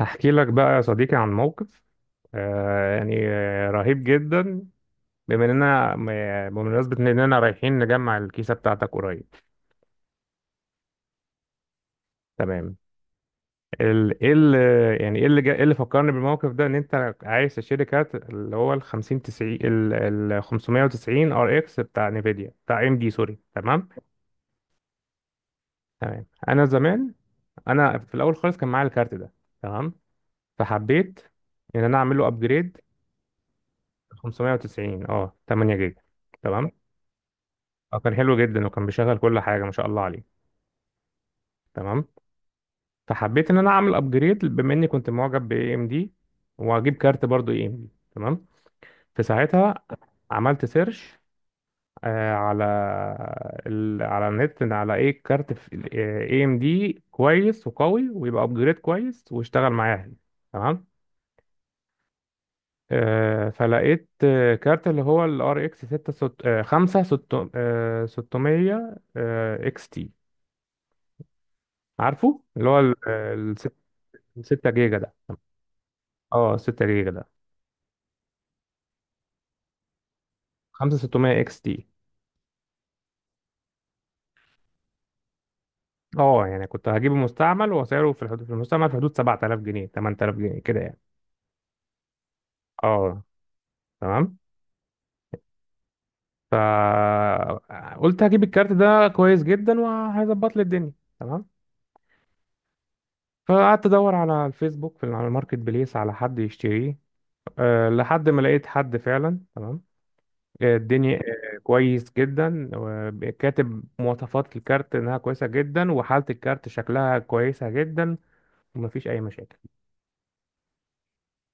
هحكي لك بقى يا صديقي عن موقف. رهيب جدا. بما اننا م- آه، بمناسبة اننا رايحين نجمع الكيسة بتاعتك قريب. تمام. ال- ايه اللي يعني ايه اللي جا- إيه اللي فكرني بالموقف ده ان انت عايز تشتري كارت اللي هو ال 50 90 ال 590 ار اكس بتاع نيفيديا بتاع ام دي. سوري. تمام. تمام انا زمان، انا في الاول خالص كان معايا الكارت ده. تمام. فحبيت ان انا اعمل له ابجريد. 590، اه، 8 جيجا. تمام. اه كان حلو جدا وكان بيشغل كل حاجه ما شاء الله عليه. تمام. فحبيت ان انا اعمل ابجريد بما اني كنت معجب باي ام دي، واجيب كارت برضو اي ام دي. تمام. في ساعتها عملت سيرش على على النت، إن على ايه كارت اي ام دي كويس وقوي ويبقى ابجريد كويس واشتغل معايا. تمام. فلقيت كارت اللي هو ال ار اكس 6 5 600 اكس تي، عارفه اللي هو ال 6 جيجا ده، اه، 6 جيجا ده. 5600 اكس تي. اه يعني كنت هجيبه مستعمل، وسعره في الحدود، في المستعمل في حدود 7000 جنيه، 8000 جنيه كده يعني. اه تمام. فقلت هجيب الكارت ده كويس جدا وهيظبط لي الدنيا. تمام. فقعدت ادور على الفيسبوك، في على الماركت بليس، على حد يشتريه. أه لحد ما لقيت حد فعلا. تمام. الدنيا كويس جدا، وكاتب مواصفات الكارت انها كويسه جدا، وحاله الكارت شكلها كويسه جدا، ومفيش اي مشاكل.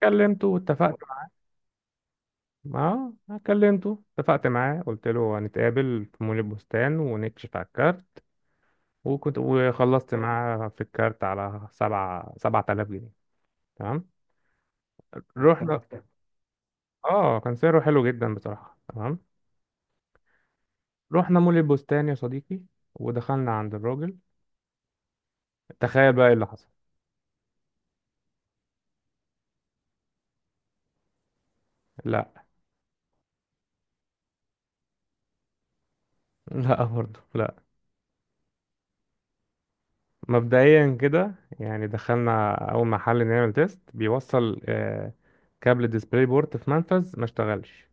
كلمته واتفقت معاه. اه كلمته اتفقت معاه قلت له هنتقابل في مول البستان ونكشف على الكارت، وكنت وخلصت معاه في الكارت على سبعة سبعة آلاف جنيه. تمام. رحنا. اه كان سعره حلو جدا بصراحة. تمام. رحنا مول البستان يا صديقي، ودخلنا عند الراجل. تخيل بقى ايه اللي حصل. لا. لا برضه لا. مبدئيا كده يعني، دخلنا اول محل نعمل تيست. بيوصل كابل ديسبلاي بورت في منفذ ما اشتغلش.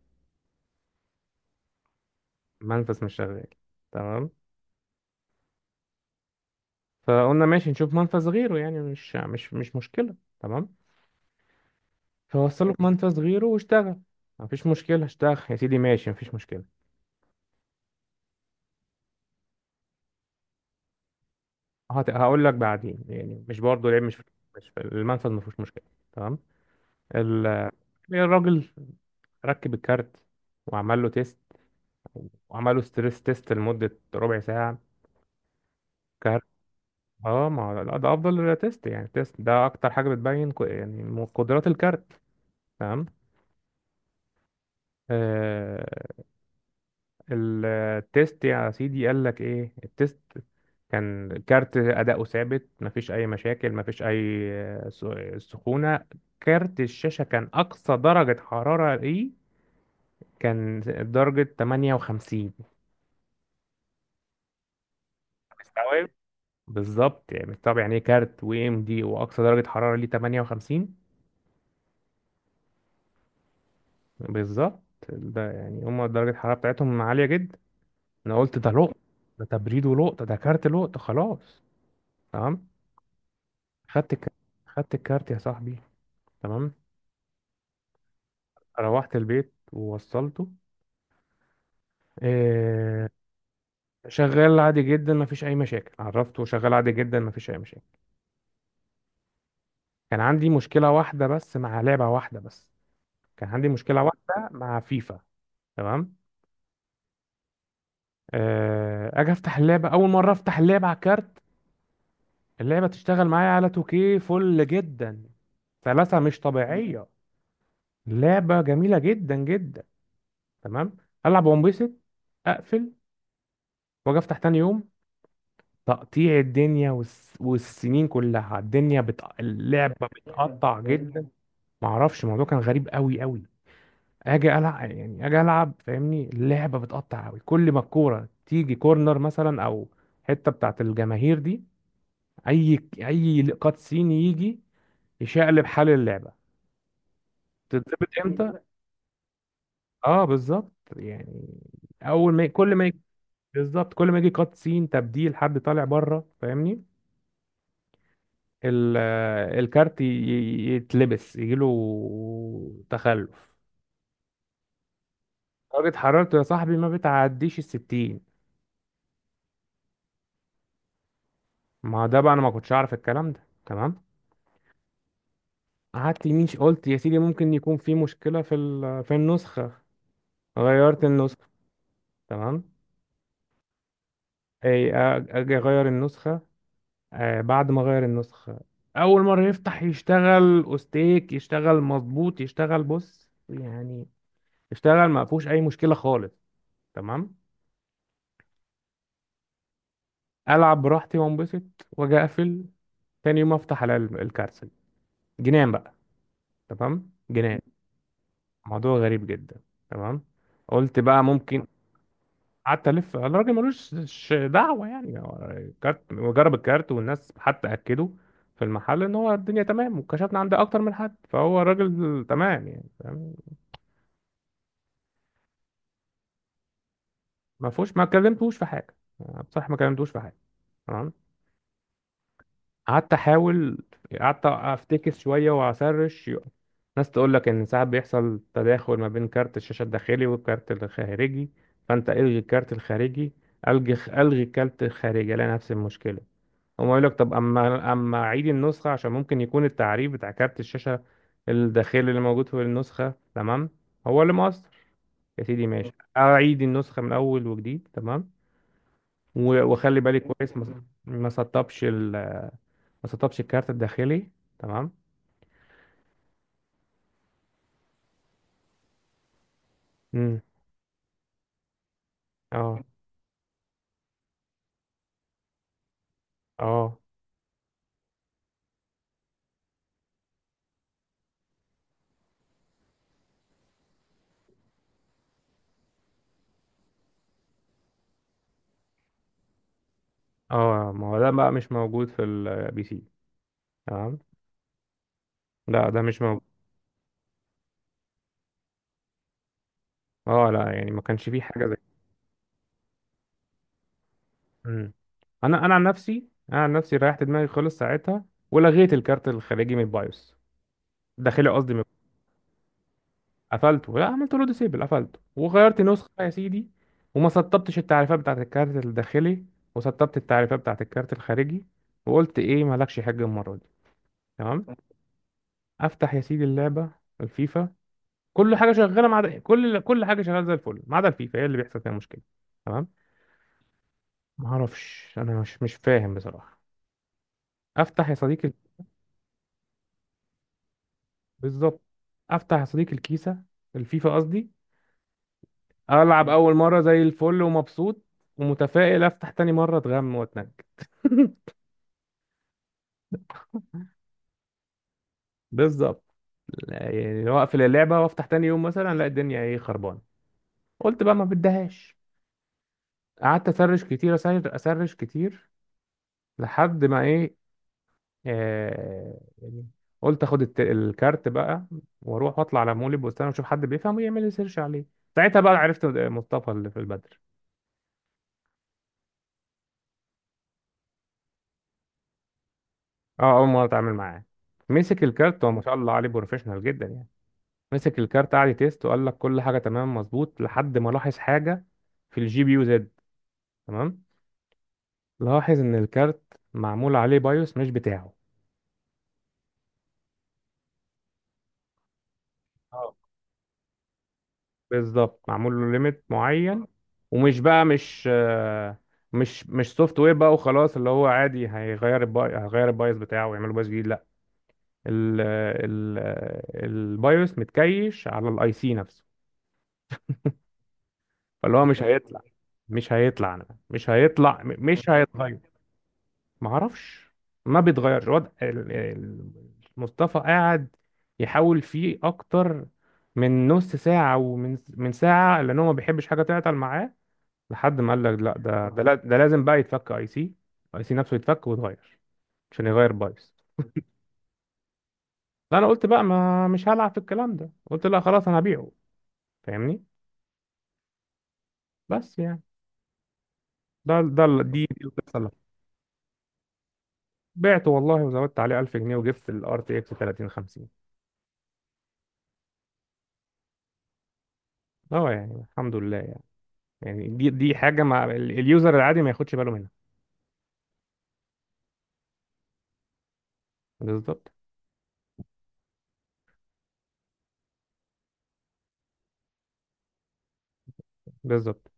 منفذ مش شغال. تمام. فقلنا ماشي نشوف منفذ غيره يعني، مش مش مش مشكلة. تمام. فوصله في منفذ غيره واشتغل. مفيش مشكلة، اشتغل يا سيدي ماشي، مفيش مشكلة. هقول لك بعدين يعني، مش برضه العيب، مش في المنفذ، مفيش مشكلة. تمام. ال- الراجل ركب الكارت وعمل له تيست، وعملوا ستريس تيست لمدة ربع ساعة كارت. اه، ما لا ده افضل تيست يعني. تيست ده اكتر حاجة بتبين قدرات الكارت. تمام. آه. التيست يا سيدي، قال لك ايه التيست. كان كارت اداؤه ثابت، مفيش اي مشاكل، مفيش اي سخونة. كارت الشاشة كان اقصى درجة حرارة ايه. كان درجة 58. مستوعب. بالظبط يعني مستوعب يعني. ايه، كارت و ام دي واقصى درجة حرارة ليه 58؟ بالظبط. ده يعني هما درجة الحرارة بتاعتهم عالية جدا. أنا قلت ده لقطة. ده تبريد ولقطة، ده كارت لقطة خلاص. تمام. خدت الكارت. يا صاحبي. تمام. روحت البيت ووصلته. إيه. شغال عادي جدا، مفيش أي مشاكل. عرفته شغال عادي جدا، مفيش أي مشاكل. كان عندي مشكلة واحدة بس مع لعبة واحدة بس. كان عندي مشكلة واحدة مع فيفا. تمام. أجي أفتح اللعبة، أول مرة أفتح اللعبة على الكارت. اللعبة تشتغل معايا على 2K فل جدا. سلاسة مش طبيعية، لعبة جميلة جدا جدا. تمام. ألعب وانبسط. أقفل. وأجي أفتح تاني يوم، تقطيع الدنيا. والسنين كلها الدنيا اللعبة بتقطع جدا. معرفش. الموضوع كان غريب أوي أوي. أجي ألعب فاهمني. اللعبة بتقطع أوي كل ما الكورة تيجي كورنر مثلا، أو حتة بتاعت الجماهير دي، أي كات سين يجي يشقلب حال اللعبة. تتظبط امتى. اه بالظبط يعني. اول ما كل ما، بالظبط كل ما يجي كات سين، تبديل حد طالع بره فاهمني، ال... آه، الكارت يتلبس يجيله تخلف. درجة حرارته يا صاحبي ما بتعديش الستين. ما ده بقى انا ما كنتش اعرف الكلام ده. تمام. قلت يا سيدي ممكن يكون في مشكلة في في النسخة. غيرت النسخة. تمام. اجي اغير النسخة. بعد ما غير النسخة، أول مرة يفتح يشتغل أوستيك، يشتغل مظبوط، يشتغل بص يعني. يشتغل ما فيهوش أي مشكلة خالص. تمام. ألعب براحتي وأنبسط. وأجي أقفل. تاني يوم أفتح على الكارسل. جنان بقى. تمام جنان. موضوع غريب جدا. تمام. قلت بقى ممكن. قعدت ألف الراجل، ملوش دعوة يعني. هو الكارت وجرب الكارت، والناس حتى أكدوا في المحل إن هو الدنيا تمام، وكشفنا عند أكتر من حد، فهو الراجل تمام يعني، فاهم؟ ما فيهوش، ما كلمتوش في حاجه يعني. بصراحه ما كلمتوش في حاجه. تمام. قعدت احاول. قعدت افتكس شويه واسرش. ناس تقول لك ان ساعات بيحصل تداخل ما بين كارت الشاشه الداخلي والكارت الخارجي، فانت الغي الكارت الخارجي. الغي الكارت الخارجي، الاقي نفس المشكله. هم يقول لك طب اما اعيد النسخه، عشان ممكن يكون التعريف بتاع كارت الشاشه الداخلي اللي موجود في النسخه، تمام، هو اللي مقصر. يا سيدي ماشي، اعيد النسخه من اول وجديد. تمام. واخلي بالي كويس ما سطبش ما سطبش الكارت الداخلي. تمام. امم. اه. اه. اه، ما هو ده بقى مش موجود في البي سي. تمام. لا ده مش موجود. اه لا، يعني ما كانش فيه حاجه زي. امم. انا عن نفسي، ريحت دماغي خالص ساعتها، ولغيت الكارت الخارجي من البايوس. الداخلي قصدي. قفلته. لا، عملت له ديسيبل. قفلته وغيرت نسخة يا سيدي، وما سطبتش التعريفات بتاعت الكارت الداخلي، وسطبت التعريفات بتاعت الكارت الخارجي. وقلت ايه، مالكش حاجة المرة دي. تمام. افتح يا سيدي اللعبة، الفيفا. كل حاجة شغالة ما عدا، كل حاجة شغالة زي الفل ما عدا الفيفا، هي اللي بيحصل فيها مشكلة. تمام. ما اعرفش، انا مش فاهم بصراحة. افتح يا صديقي ال- بالظبط. افتح يا صديقي الكيسة، الفيفا قصدي. العب اول مرة زي الفل ومبسوط ومتفائل، افتح تاني مرة اتغم واتنك. بالظبط يعني. واقفل اللعبه وافتح تاني يوم مثلا، الاقي الدنيا ايه خربانه. قلت بقى ما بدهاش. قعدت اسرش كتير، اسرش كتير، لحد ما ايه. آه يعني قلت اخد الكارت بقى واروح واطلع على مول البستان واشوف حد بيفهم ويعمل لي سيرش عليه. ساعتها بقى عرفت مصطفى اللي في البدر. اه اول مره اتعامل معاه. مسك الكارت، هو ما شاء الله عليه بروفيشنال جدا يعني. مسك الكارت، قعد يتيست وقال لك كل حاجه تمام مظبوط، لحد ما لاحظ حاجه في الجي بي يو زد. تمام. لاحظ إن الكارت معمول عليه بايوس مش بتاعه. اه بالظبط، معمول له ليميت معين. ومش بقى مش آه، مش مش سوفت وير بقى وخلاص، اللي هو عادي هيغير هيغير البايوس بتاعه ويعمل بايوس جديد. لا. ال ال البايوس متكيش على الاي سي نفسه. فاللي هو مش هيطلع مش هيطلع مش هيتغير. معرفش. ما بيتغيرش وضع مصطفى قاعد يحاول فيه اكتر من نص ساعة، ومن ساعة، لان هو ما بيحبش حاجة تعطل معاه. لحد ما قال لك لا، ده لازم بقى يتفك اي سي. اي سي نفسه يتفك ويتغير عشان يغير بايظ. فانا قلت بقى ما مش هلعب في الكلام ده. قلت لا خلاص انا هبيعه فاهمني. بس يعني ده ده دي دي القصة بعته والله، وزودت عليه 1000 جنيه وجبت ال RTX 3050. اه يعني الحمد لله يعني. يعني دي حاجة مع اليوزر العادي ما ياخدش باله منها. بالظبط. بالظبط.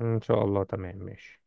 إن شاء الله، تمام ماشي.